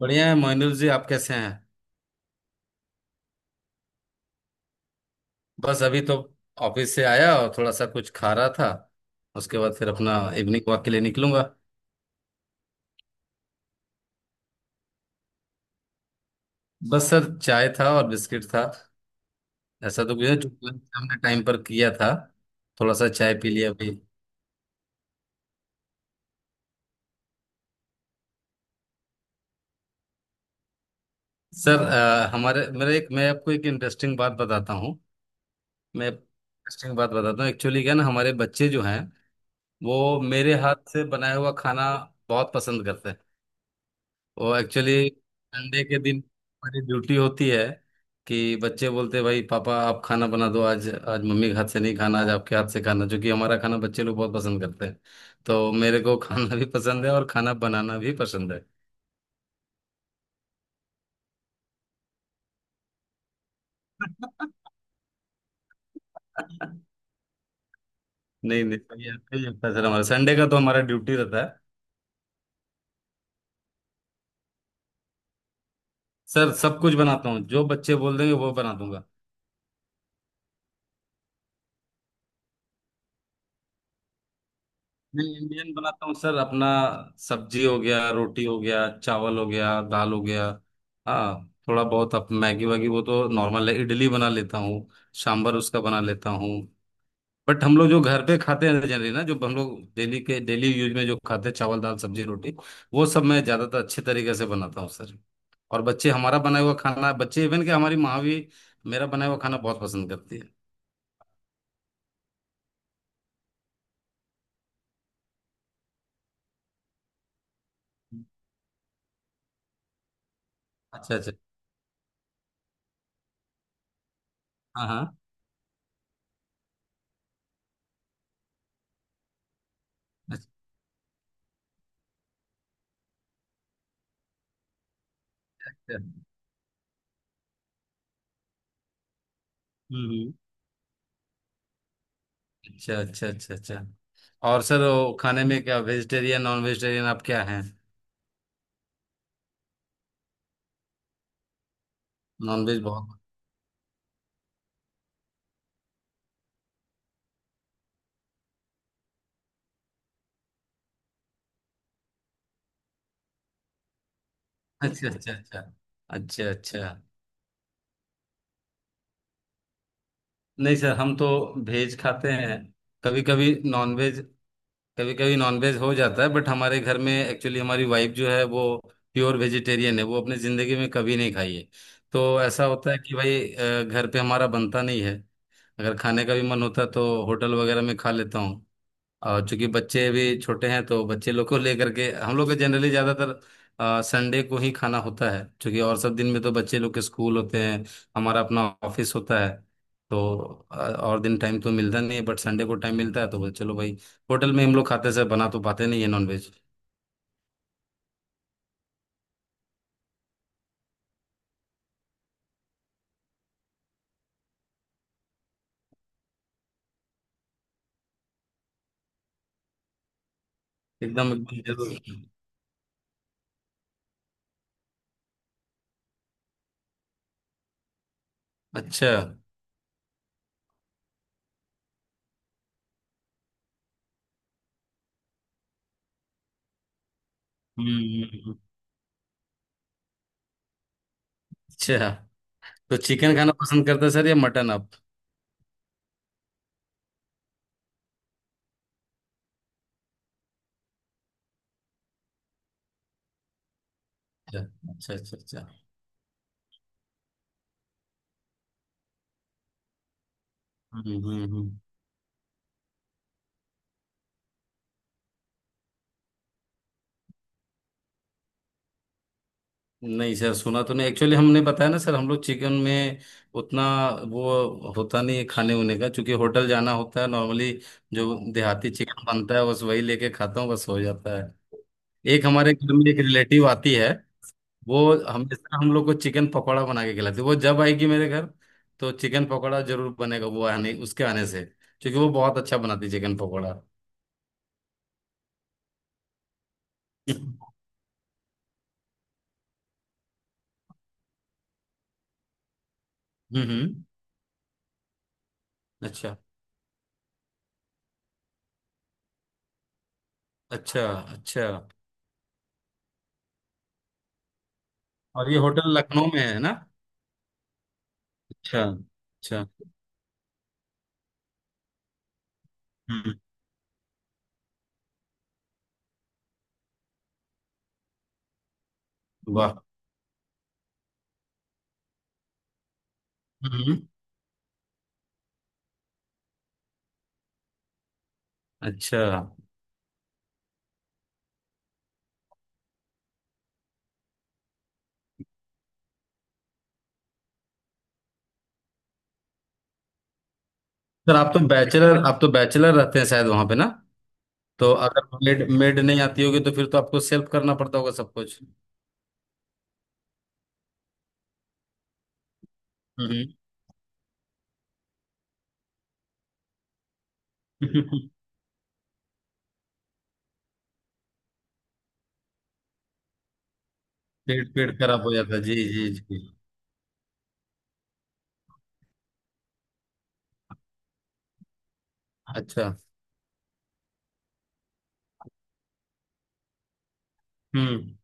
बढ़िया है मोइनुल जी। आप कैसे हैं? बस अभी तो ऑफिस से आया और थोड़ा सा कुछ खा रहा था। उसके बाद फिर अपना इवनिंग वॉक के लिए निकलूंगा। बस सर चाय था और बिस्किट था। ऐसा तो कुछ है जो लंच हमने टाइम पर किया था। थोड़ा सा चाय पी लिया अभी। सर हमारे मेरे एक मैं आपको एक इंटरेस्टिंग बात बताता हूँ। मैं इंटरेस्टिंग बात बताता हूँ एक्चुअली क्या ना, हमारे बच्चे जो हैं वो मेरे हाथ से बनाया हुआ खाना बहुत पसंद करते हैं। वो एक्चुअली संडे के दिन हमारी ड्यूटी होती है कि बच्चे बोलते हैं भाई पापा आप खाना बना दो, आज आज मम्मी के हाथ से नहीं खाना, आज आपके हाथ से खाना, जो कि हमारा खाना बच्चे लोग बहुत पसंद करते हैं। तो मेरे को खाना भी पसंद है और खाना बनाना भी पसंद है। नहीं नहीं, सही है सही है सर। हमारा संडे का तो हमारा ड्यूटी रहता है। सर सब कुछ बनाता हूँ, जो बच्चे बोल देंगे वो बना दूंगा। मैं इंडियन बनाता हूँ सर अपना। सब्जी हो गया, रोटी हो गया, चावल हो गया, दाल हो गया। हाँ थोड़ा बहुत अप मैगी वैगी वो तो नॉर्मल है, इडली बना लेता हूँ, सांभर उसका बना लेता हूँ। बट हम लोग जो घर पे खाते हैं जनरली ना, जो हम लोग डेली के डेली यूज में जो खाते हैं चावल दाल सब्जी रोटी, वो सब मैं ज्यादातर अच्छे तरीके से बनाता हूँ सर। और बच्चे हमारा बनाया हुआ खाना, बच्चे इवन के हमारी माँ भी मेरा बनाया हुआ खाना बहुत पसंद करती है। अच्छा अच्छा। हाँ हाँ। अच्छा अच्छा। हम्म हम्म। अच्छा अच्छा अच्छा अच्छा। और सर वो खाने में क्या वेजिटेरियन नॉन वेजिटेरियन, आप क्या हैं? नॉन वेज बहुत। अच्छा अच्छा अच्छा अच्छा अच्छा। नहीं सर, हम तो वेज खाते हैं, कभी कभी नॉन वेज। कभी कभी नॉन वेज हो जाता है, बट हमारे घर में एक्चुअली हमारी वाइफ जो है वो प्योर वेजिटेरियन है, वो अपनी ज़िंदगी में कभी नहीं खाई है। तो ऐसा होता है कि भाई घर पे हमारा बनता नहीं है। अगर खाने का भी मन होता तो होटल वगैरह में खा लेता हूँ। और चूंकि बच्चे अभी छोटे हैं तो बच्चे लोग को लेकर के हम लोग का जनरली ज्यादातर संडे को ही खाना होता है, चूंकि और सब दिन में तो बच्चे लोग के स्कूल होते हैं, हमारा अपना ऑफिस होता है। तो और दिन टाइम तो मिलता नहीं है, बट संडे को टाइम मिलता है तो बोले, चलो भाई होटल में। हम लोग खाते से बना तो पाते नहीं है नॉनवेज। एकदम एकदम जरूर। अच्छा। हम्म। अच्छा। तो चिकन खाना पसंद करते हैं सर या मटन आप? अच्छा अच्छा अच्छा अच्छा। हम्म हम्म हम्म। नहीं सर सुना तो नहीं, एक्चुअली हमने बताया ना सर, हम लोग चिकन में उतना वो होता नहीं है खाने उने का, क्योंकि होटल जाना होता है नॉर्मली। जो हाँ देहाती चिकन बनता है बस वही लेके खाता हूँ, बस हो जाता है। एक हमारे घर में एक रिलेटिव आती है, वो हमेशा हम लोग को चिकन पकौड़ा बना के खिलाती है। वो जब आएगी मेरे घर तो चिकन पकौड़ा जरूर बनेगा वो आने उसके आने से, क्योंकि वो बहुत अच्छा बनाती है चिकन पकौड़ा। हम्म हम्म। अच्छा अच्छा अच्छा। और ये होटल लखनऊ में है ना? अच्छा अच्छा। हम्म। वाह। हम्म। अच्छा। सर आप तो बैचलर, आप तो बैचलर रहते हैं शायद वहां पे ना? तो अगर मेड मेड नहीं आती होगी तो फिर तो आपको सेल्फ करना पड़ता होगा सब कुछ। हम्म। पेट पेट खराब हो जाता है जी जी जी। अच्छा। हम्म।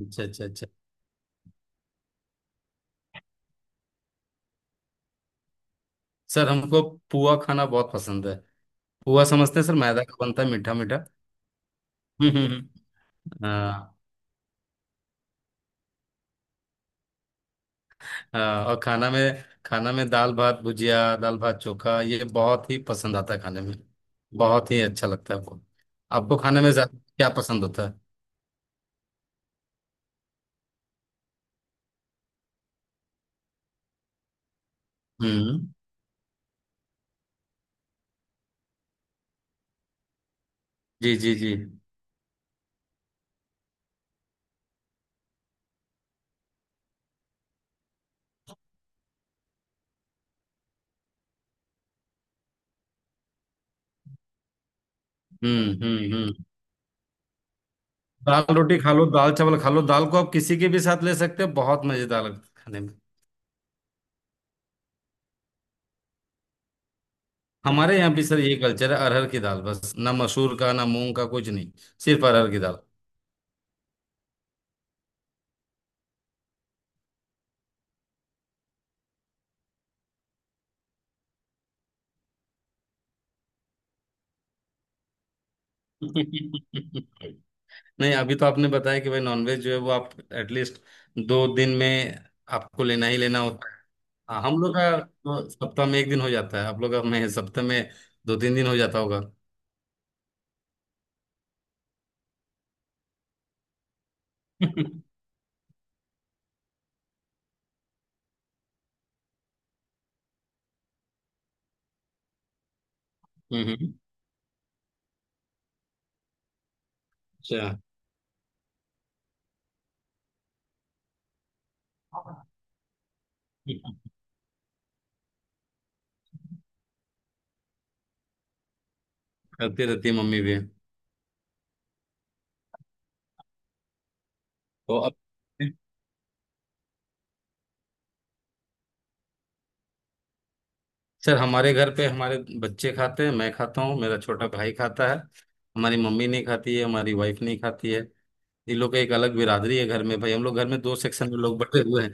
अच्छा अच्छा अच्छा। सर हमको पुआ खाना बहुत पसंद है। पुआ समझते हैं सर, मैदा का बनता है मीठा मीठा। हम्म हम्म हम्म। हाँ। हाँ, और खाना में, खाना में दाल भात भुजिया, दाल भात चोखा, ये बहुत ही पसंद आता है खाने में, बहुत ही अच्छा लगता है वो। आपको खाने में ज्यादा क्या पसंद होता है? हम्म। जी जी जी। हम्म। दाल रोटी खा लो, दाल चावल खा लो, दाल को आप किसी के भी साथ ले सकते हो, बहुत मजेदार लगता है खाने में। हमारे यहाँ भी सर ये कल्चर है, अरहर की दाल बस, ना मसूर का ना मूंग का कुछ नहीं, सिर्फ अरहर की दाल। नहीं अभी तो आपने बताया कि भाई नॉनवेज जो है वो आप एटलीस्ट 2 दिन में आपको लेना ही लेना होता है। हाँ हम लोग का तो सप्ताह में 1 दिन हो जाता है, आप लोग का में सप्ताह में 2-3 दिन हो जाता होगा। हम्म। हम्म। अच्छा। करती रहती है मम्मी भी। तो अब सर हमारे घर पे हमारे बच्चे खाते हैं, मैं खाता हूँ, मेरा छोटा भाई खाता है। हमारी मम्मी नहीं खाती है, हमारी वाइफ नहीं खाती है। इन लोग का एक अलग बिरादरी है, घर में भाई हम लोग घर में दो सेक्शन में लोग बटे हुए हैं।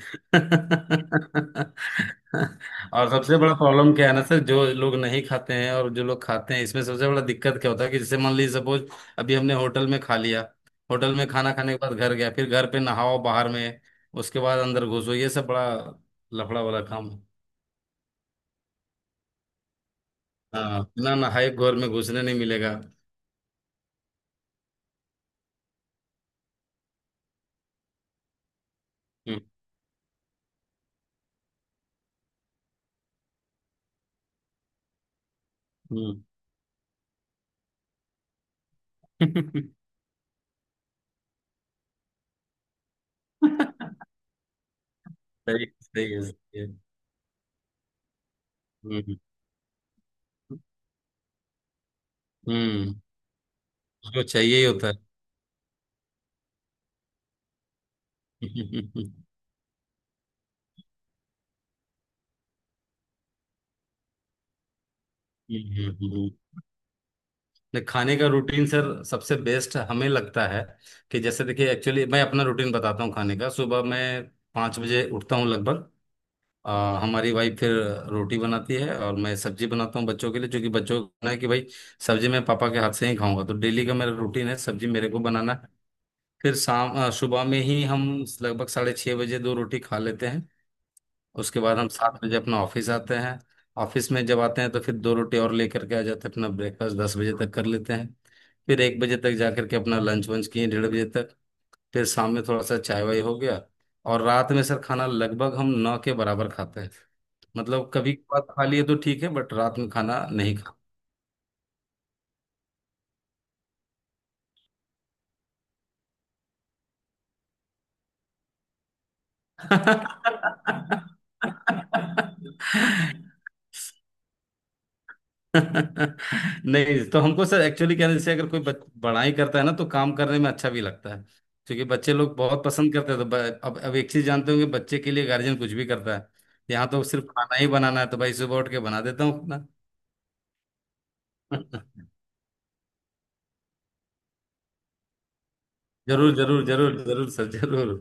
और सबसे बड़ा प्रॉब्लम क्या है ना सर, जो लोग नहीं खाते हैं और जो लोग खाते हैं इसमें सबसे बड़ा दिक्कत क्या होता है कि जैसे मान लीजिए सपोज अभी हमने होटल में खा लिया। होटल में खाना खाने के बाद घर गया, फिर घर पे नहाओ बाहर में, उसके बाद अंदर घुसो, ये सब बड़ा लफड़ा वाला काम है। हाँ बिना नहाए घर में घुसने नहीं मिलेगा। हम्म हम्म। सही सही है सही है। हम्म हम्म। उसको चाहिए ही होता है। हम्म। नहीं, खाने का रूटीन सर सबसे बेस्ट हमें लगता है, कि जैसे देखिए एक्चुअली मैं अपना रूटीन बताता हूँ खाने का। सुबह मैं 5 बजे उठता हूँ लगभग। हमारी वाइफ फिर रोटी बनाती है और मैं सब्जी बनाता हूँ बच्चों के लिए, क्योंकि बच्चों को कहना है कि भाई सब्जी मैं पापा के हाथ से ही खाऊंगा। तो डेली का मेरा रूटीन है सब्जी मेरे को बनाना है। फिर शाम सुबह में ही हम लगभग 6:30 बजे दो रोटी खा लेते हैं। उसके बाद हम 7 बजे अपना ऑफिस आते हैं। ऑफिस में जब आते हैं तो फिर दो रोटी और लेकर के आ जाते हैं, अपना ब्रेकफास्ट 10 बजे तक कर लेते हैं। फिर 1 बजे तक जाकर के अपना लंच वंच किए 1:30 बजे तक। फिर शाम में थोड़ा सा चाय वाय हो गया। और रात में सर खाना लगभग हम 9 के बराबर खाते हैं। मतलब कभी बात खा लिए तो ठीक है, बट रात में खाना नहीं खाते। नहीं तो हमको सर एक्चुअली क्या है, जैसे अगर कोई बड़ा ही करता है ना तो काम करने में अच्छा भी लगता है। क्योंकि बच्चे लोग बहुत पसंद करते हैं तो अब एक चीज जानते होंगे, बच्चे के लिए गार्जियन कुछ भी करता है। यहाँ तो सिर्फ खाना ही बनाना है तो भाई सुबह उठ के बना देता हूँ खाना। जरूर जरूर जरूर जरूर सर जरूर।